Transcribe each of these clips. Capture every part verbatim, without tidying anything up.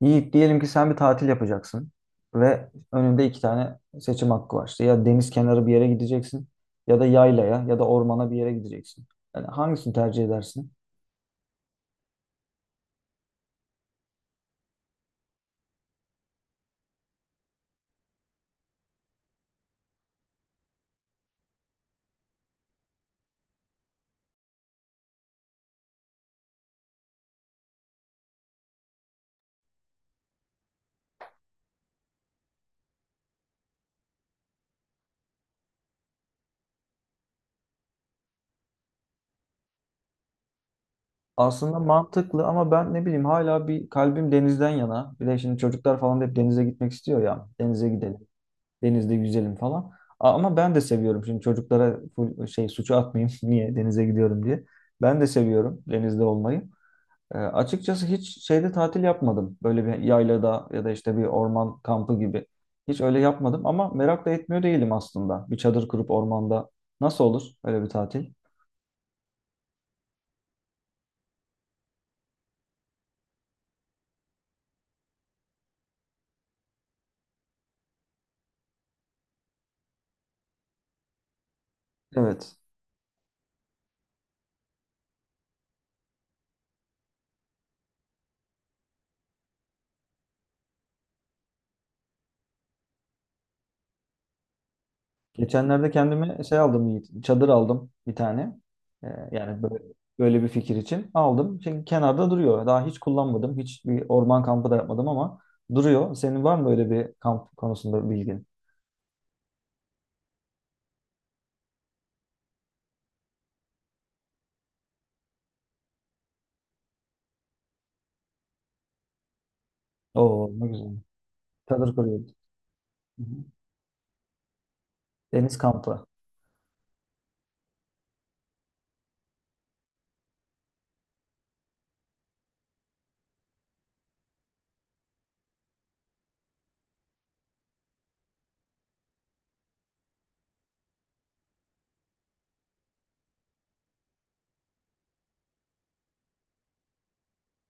Yiğit diyelim ki sen bir tatil yapacaksın ve önünde iki tane seçim hakkı var. İşte ya deniz kenarı bir yere gideceksin ya da yaylaya ya da ormana bir yere gideceksin. Yani hangisini tercih edersin? Aslında mantıklı ama ben ne bileyim hala bir kalbim denizden yana. Bir de şimdi çocuklar falan da hep denize gitmek istiyor ya. Denize gidelim, denizde yüzelim falan. A- Ama ben de seviyorum. Şimdi çocuklara full şey suçu atmayayım niye denize gidiyorum diye. Ben de seviyorum denizde olmayı. E, açıkçası hiç şeyde tatil yapmadım. Böyle bir yaylada ya da işte bir orman kampı gibi. Hiç öyle yapmadım ama merak da etmiyor değilim aslında. Bir çadır kurup ormanda nasıl olur öyle bir tatil? Evet. Geçenlerde kendime şey aldım Yiğit, çadır aldım bir tane. E, Yani böyle, böyle bir fikir için aldım. Çünkü kenarda duruyor. Daha hiç kullanmadım. Hiç bir orman kampı da yapmadım ama duruyor. Senin var mı böyle bir kamp konusunda bilgin? Oo ne güzel. Çadır kuruyoruz. Hı hı. Deniz kampı.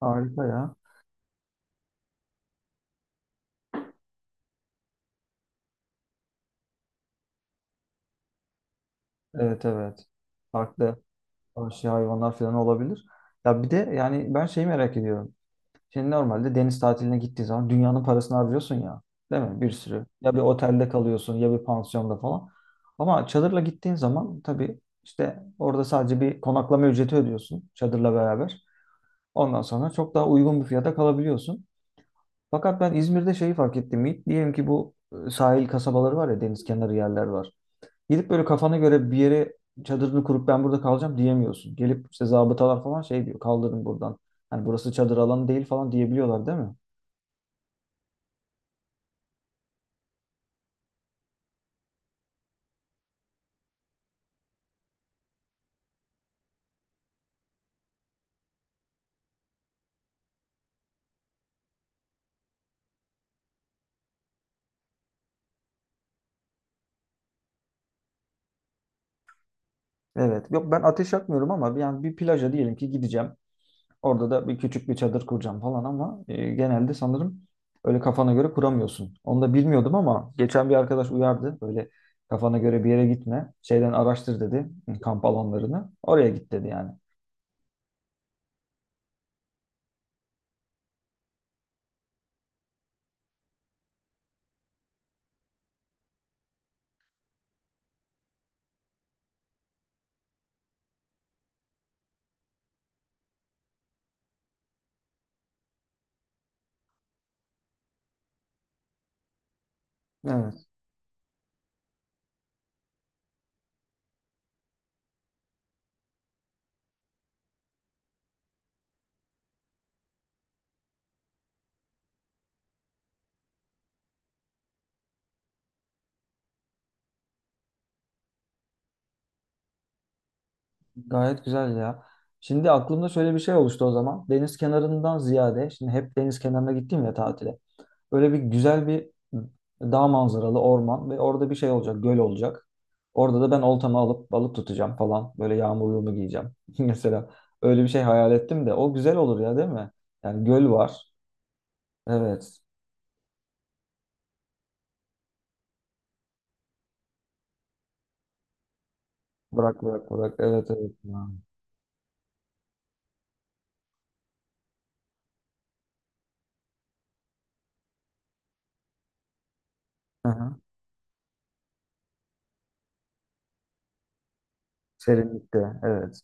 Harika ya. Evet, evet. Farklı vahşi hayvanlar falan olabilir. Ya bir de yani ben şeyi merak ediyorum. Şimdi normalde deniz tatiline gittiğin zaman dünyanın parasını harcıyorsun ya. Değil mi? Bir sürü. Ya bir otelde kalıyorsun ya bir pansiyonda falan. Ama çadırla gittiğin zaman tabii işte orada sadece bir konaklama ücreti ödüyorsun çadırla beraber. Ondan sonra çok daha uygun bir fiyata kalabiliyorsun. Fakat ben İzmir'de şeyi fark ettim. Yiğit. Diyelim ki bu e, sahil kasabaları var ya deniz kenarı yerler var. Gidip böyle kafana göre bir yere çadırını kurup ben burada kalacağım diyemiyorsun. Gelip işte zabıtalar falan şey diyor kaldırın buradan. Hani burası çadır alanı değil falan diyebiliyorlar değil mi? Evet. Yok ben ateş yakmıyorum ama bir- yani bir plaja diyelim ki gideceğim. Orada da bir küçük bir çadır kuracağım falan ama e, genelde sanırım öyle kafana göre kuramıyorsun. Onu da bilmiyordum ama geçen bir arkadaş uyardı. Böyle kafana göre bir yere gitme. Şeyden araştır dedi kamp alanlarını. Oraya git dedi yani. Evet. Gayet güzel ya. Şimdi aklımda şöyle bir şey oluştu o zaman. Deniz kenarından ziyade, şimdi hep deniz kenarına gittim ya tatile. Böyle bir güzel bir dağ manzaralı orman ve orada bir şey olacak, göl olacak. Orada da ben oltamı alıp balık tutacağım falan. Böyle yağmurluğumu giyeceğim. Mesela öyle bir şey hayal ettim de o güzel olur ya değil mi? Yani göl var. Evet. Bırak, bırak, bırak. Evet, evet. Ya. Hı hı. Serinlikte. Evet.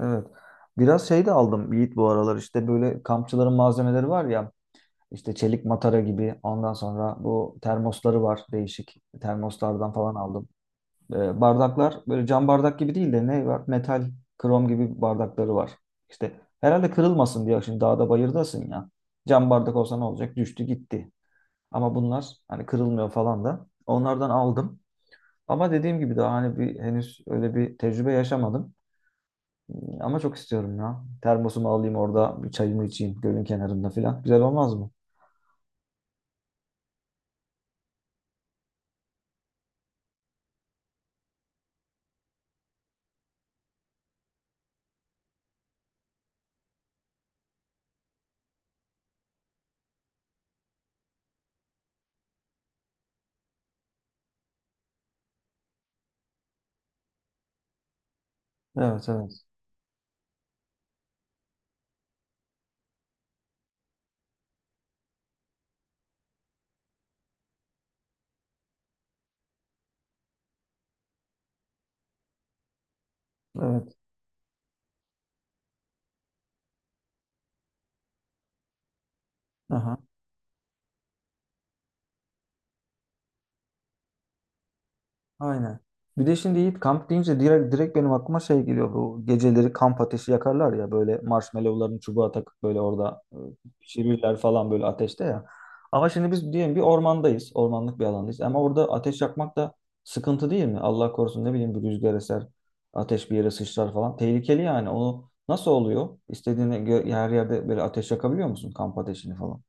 Evet. Biraz şey de aldım Yiğit bu aralar işte böyle kampçıların malzemeleri var ya. İşte çelik matara gibi. Ondan sonra bu termosları var değişik. Termoslardan falan aldım. Ee, bardaklar böyle cam bardak gibi değil de ne var? Metal, krom gibi bardakları var. İşte herhalde kırılmasın diye şimdi dağda bayırdasın ya. Cam bardak olsa ne olacak? Düştü gitti. Ama bunlar hani kırılmıyor falan da. Onlardan aldım. Ama dediğim gibi daha hani bir henüz öyle bir tecrübe yaşamadım. Ama çok istiyorum ya. Termosumu alayım orada bir çayımı içeyim gölün kenarında falan. Güzel olmaz mı? Evet, evet. Evet. Aha. Aynen. Bir de şimdi Yiğit kamp deyince direkt, direkt benim aklıma şey geliyor. Bu geceleri kamp ateşi yakarlar ya böyle marshmallowlarını çubuğa takıp böyle orada e, pişirirler falan böyle ateşte ya. Ama şimdi biz diyelim bir ormandayız. Ormanlık bir alandayız. Ama orada ateş yakmak da sıkıntı değil mi? Allah korusun ne bileyim bir rüzgar eser, ateş bir yere sıçrar falan. Tehlikeli yani. Onu nasıl oluyor? İstediğine gö- her yerde böyle ateş yakabiliyor musun kamp ateşini falan?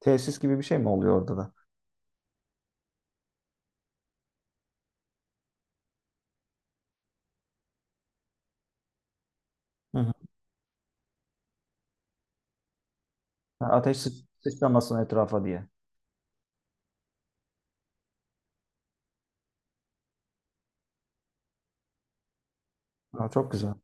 Tesis gibi bir şey mi oluyor orada da? Hı hı. Ha, Ateş sı- sıçramasın etrafa diye. Ha, çok güzel.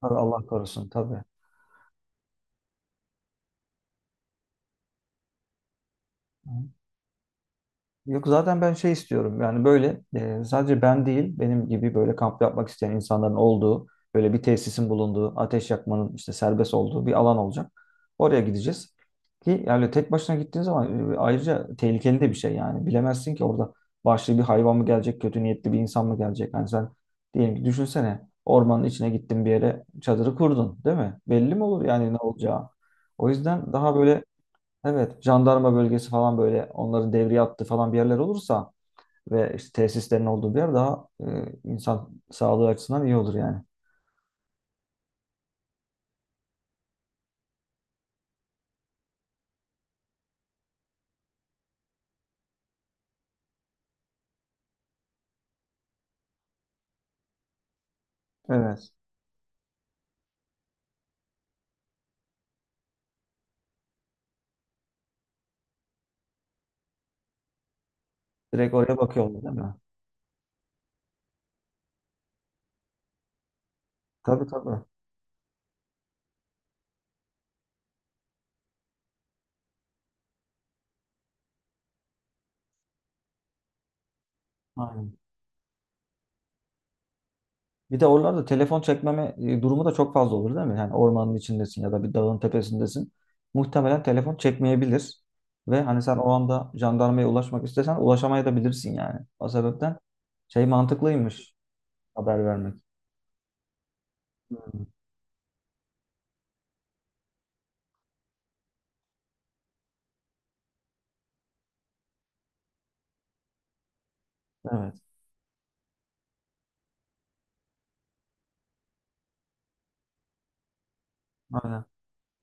Tabii Allah korusun tabii. Hı. Yok zaten ben şey istiyorum yani böyle e, sadece ben değil benim gibi böyle kamp yapmak isteyen insanların olduğu böyle bir tesisin bulunduğu ateş yakmanın işte serbest olduğu bir alan olacak. Oraya gideceğiz ki yani tek başına gittiğin zaman e, ayrıca tehlikeli de bir şey yani bilemezsin ki orada vahşi bir hayvan mı gelecek kötü niyetli bir insan mı gelecek. Hani sen diyelim ki düşünsene ormanın içine gittin bir yere çadırı kurdun değil mi? Belli mi olur yani ne olacağı? O yüzden daha böyle evet, jandarma bölgesi falan böyle onların devriye attığı falan bir yerler olursa ve işte tesislerin olduğu bir yer daha e, insan sağlığı açısından iyi olur yani. Evet. Direkt oraya bakıyorlar değil mi? Tabii, tabii. Aynen. Bir de oralarda telefon çekmeme e, durumu da çok fazla olur değil mi? Yani ormanın içindesin ya da bir dağın tepesindesin. Muhtemelen telefon çekmeyebilir. Ve hani sen o anda jandarmaya ulaşmak istesen ulaşamayabilirsin yani. O sebepten şey mantıklıymış haber vermek. Hmm, evet, aynen.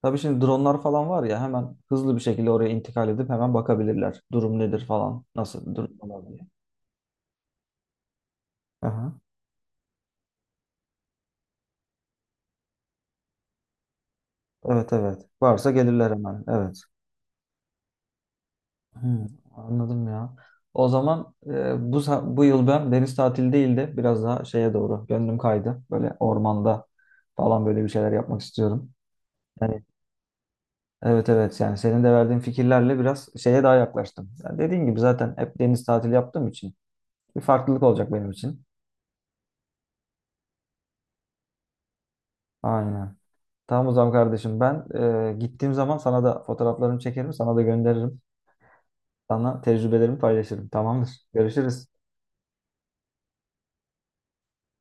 Tabii şimdi dronlar falan var ya hemen hızlı bir şekilde oraya intikal edip hemen bakabilirler. Durum nedir falan, nasıl durum falan diye. Aha. Evet, evet. Varsa gelirler hemen. Evet. Hmm, anladım ya. O zaman e, bu sa- bu yıl ben deniz tatili değil de biraz daha şeye doğru gönlüm kaydı. Böyle ormanda falan böyle bir şeyler yapmak istiyorum. Yani evet, evet yani senin de verdiğin fikirlerle biraz şeye daha yaklaştım. Yani dediğin gibi zaten hep deniz tatili yaptığım için bir farklılık olacak benim için. Aynen. Tamam o zaman kardeşim ben e, gittiğim zaman sana da fotoğraflarımı çekerim, sana da gönderirim. Sana tecrübelerimi paylaşırım. Tamamdır. Görüşürüz.